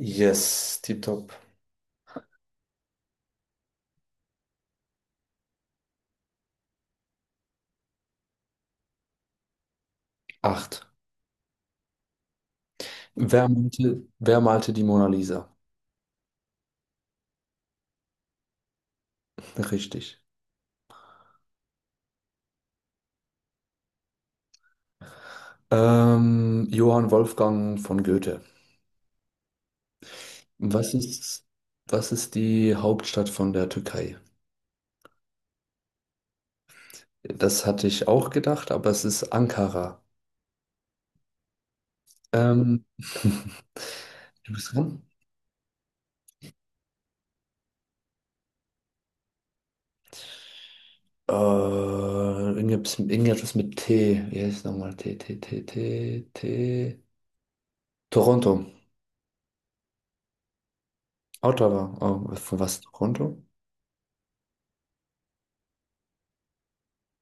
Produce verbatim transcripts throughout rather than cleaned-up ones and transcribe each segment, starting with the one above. Yes, tipptopp. Acht. Wer malte, wer malte die Mona Lisa? Richtig. Ähm, Johann Wolfgang von Goethe. Was ist, was ist die Hauptstadt von der Türkei? Das hatte ich auch gedacht, aber es ist Ankara. Ähm, Du bist dran? Äh, irgendwas, irgendetwas mit T. Wie heißt es nochmal? T, T, T, T, T. Toronto. Ottawa. Oh, von was? Toronto?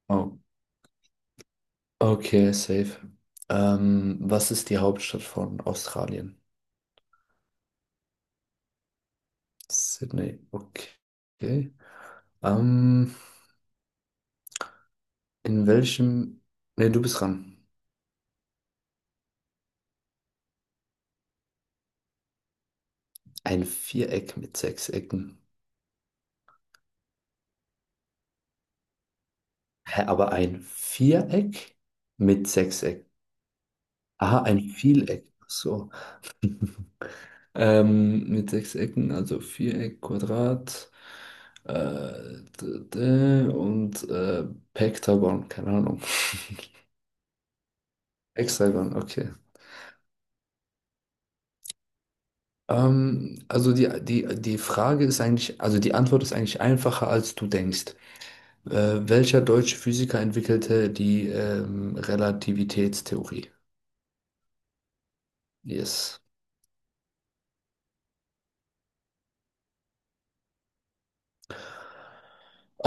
Oh, okay, safe. Ähm, was ist die Hauptstadt von Australien? Sydney. Okay. Ähm, in welchem... Ne, du bist dran. Ein Viereck mit sechs Ecken. Hä, aber ein Viereck mit sechs Ecken. Aha, ein Vieleck. Ach so. Ähm, mit sechs Ecken, also Viereck, Quadrat, äh, d- d- und äh, Pektagon, keine Ahnung. Hexagon, okay. Ähm, also die, die, die Frage ist eigentlich, also die Antwort ist eigentlich einfacher, als du denkst. Äh, welcher deutsche Physiker entwickelte die ähm, Relativitätstheorie? Yes.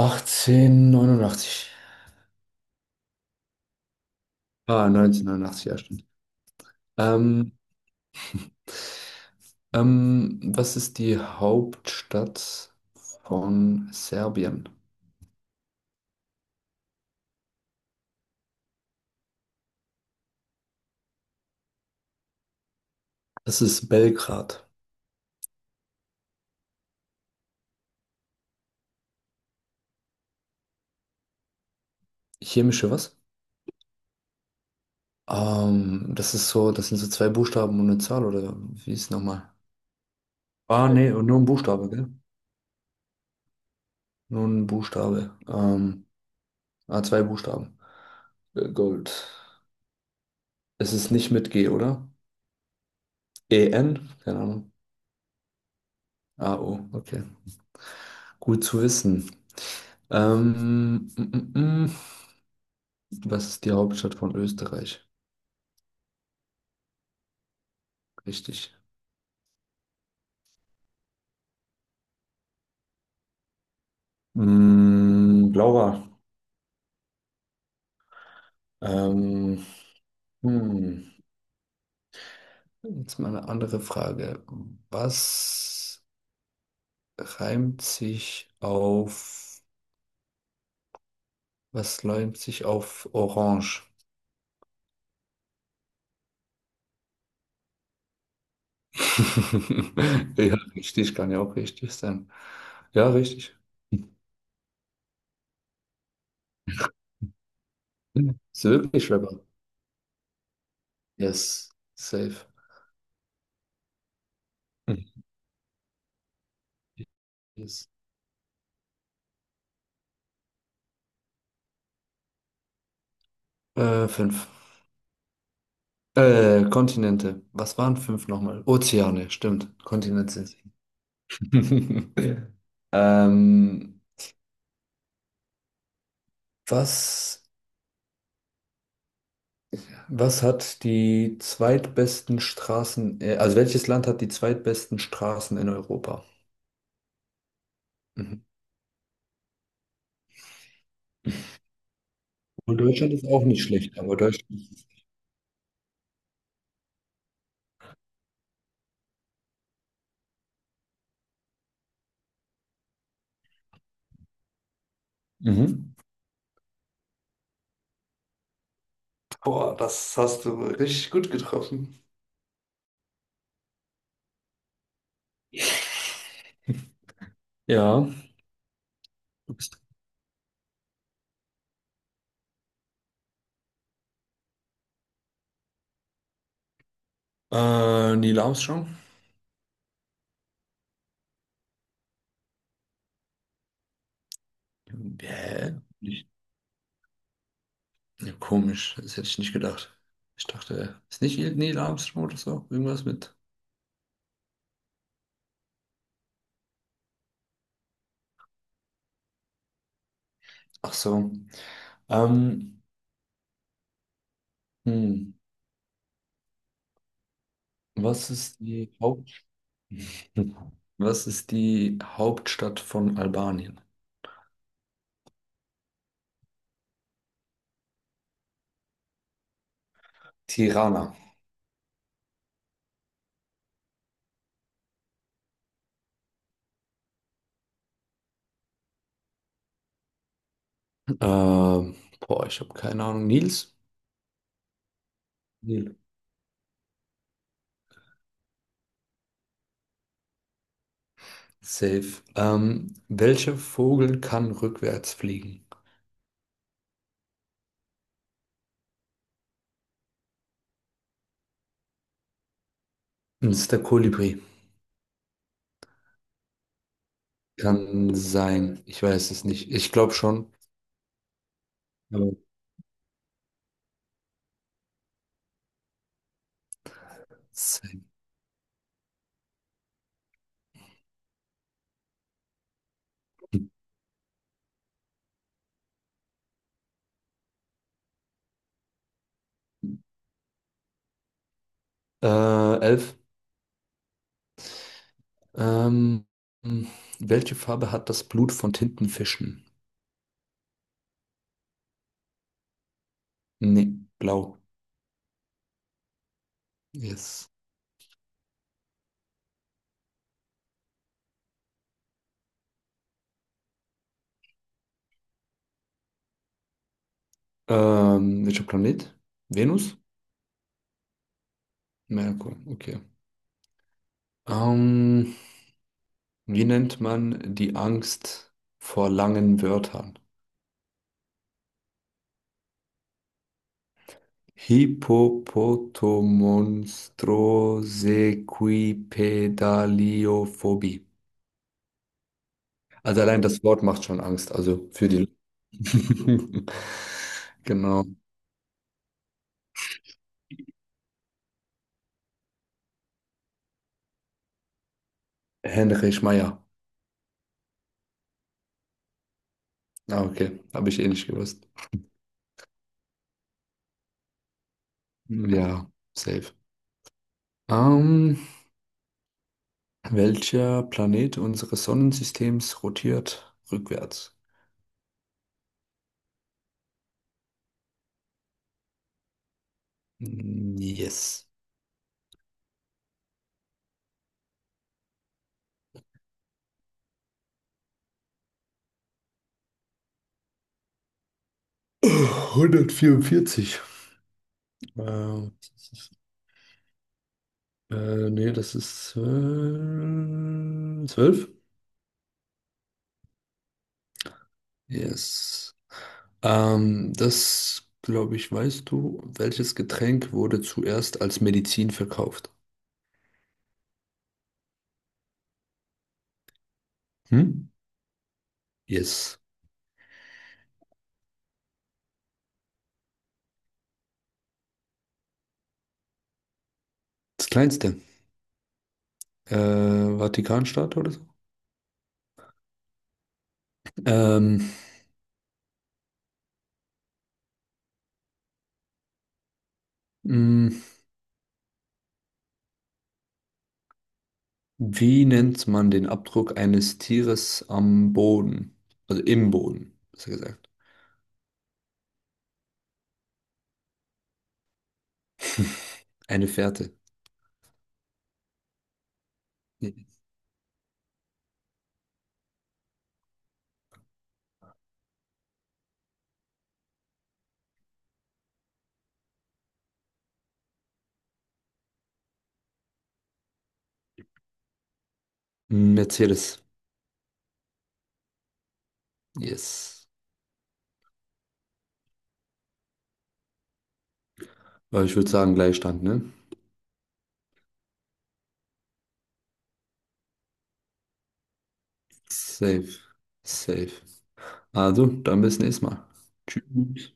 achtzehnhundertneunundachtzig. Ah, neunzehnhundertneunundachtzig, ja, stimmt. Ähm, ähm, Was ist die Hauptstadt von Serbien? Das ist Belgrad. Chemische was? Ähm, das ist so, das sind so zwei Buchstaben und eine Zahl, oder wie ist es nochmal? Ah, nee, und nur ein Buchstabe, gell? Nur ein Buchstabe. Ähm, ah, zwei Buchstaben. Äh, Gold. Es ist nicht mit G, oder? E N? Keine Ahnung. A O, okay. Gut zu wissen. Ähm, mm, mm, mm. Was ist die Hauptstadt von Österreich? Richtig. Mm, Laura. Ähm, hm. Jetzt mal eine andere Frage. Was reimt sich auf, was läumt sich auf Orange? Ja, richtig, kann ja auch richtig sein. Ja, richtig. Ist wirklich Rapper. Yes, safe. Yes. Äh, fünf. Äh, Kontinente. Was waren fünf nochmal? Ozeane, stimmt. Kontinente sind sie. Ähm, was, was hat die zweitbesten Straßen, äh, also welches Land hat die zweitbesten Straßen in Europa? Mhm. Und Deutschland ist auch nicht schlecht, aber Deutschland ist. Mhm. Boah, das hast du richtig gut getroffen. Ja. Äh, Neil Armstrong? Hä? Nicht. Ja, komisch, das hätte ich nicht gedacht. Ich dachte, ist nicht Neil Armstrong oder so? Irgendwas mit. Ach so. Ähm, hm. Was ist die Haupt... Was ist die Hauptstadt von Albanien? Tirana. Ähm, Boah, ich habe keine Ahnung. Nils? Nil. Safe. Ähm, welcher Vogel kann rückwärts fliegen? Das ist der Kolibri. Kann sein. Ich weiß es nicht. Ich glaube schon. Aber sein. Äh, Elf. Ähm, Welche Farbe hat das Blut von Tintenfischen? Nee, blau. Yes. Ähm, welcher Planet? Venus? Merkur, okay. Ähm, Wie nennt man die Angst vor langen Wörtern? Hippopotomonstrosequipedaliophobie. Also allein das Wort macht schon Angst, also für die Leute. Genau. Heinrich Meier. Ah, okay. Habe ich eh nicht gewusst. Ja, safe. Ähm, Welcher Planet unseres Sonnensystems rotiert rückwärts? Mm, yes. hundertvierundvierzig. Ähm, äh, Nee, das ist äh, zwölf. Yes. Ähm, das, glaube ich, weißt du, welches Getränk wurde zuerst als Medizin verkauft? Hm? Yes. Das kleinste. Äh, Vatikanstaat oder so? Ähm, mh, Wie nennt man den Abdruck eines Tieres am Boden? Also im Boden, besser gesagt. Eine Fährte. Nee. Mercedes. Yes. Aber ich würde sagen, Gleichstand, ne? Safe. Safe. Also, dann bis nächstes Mal. Tschüss.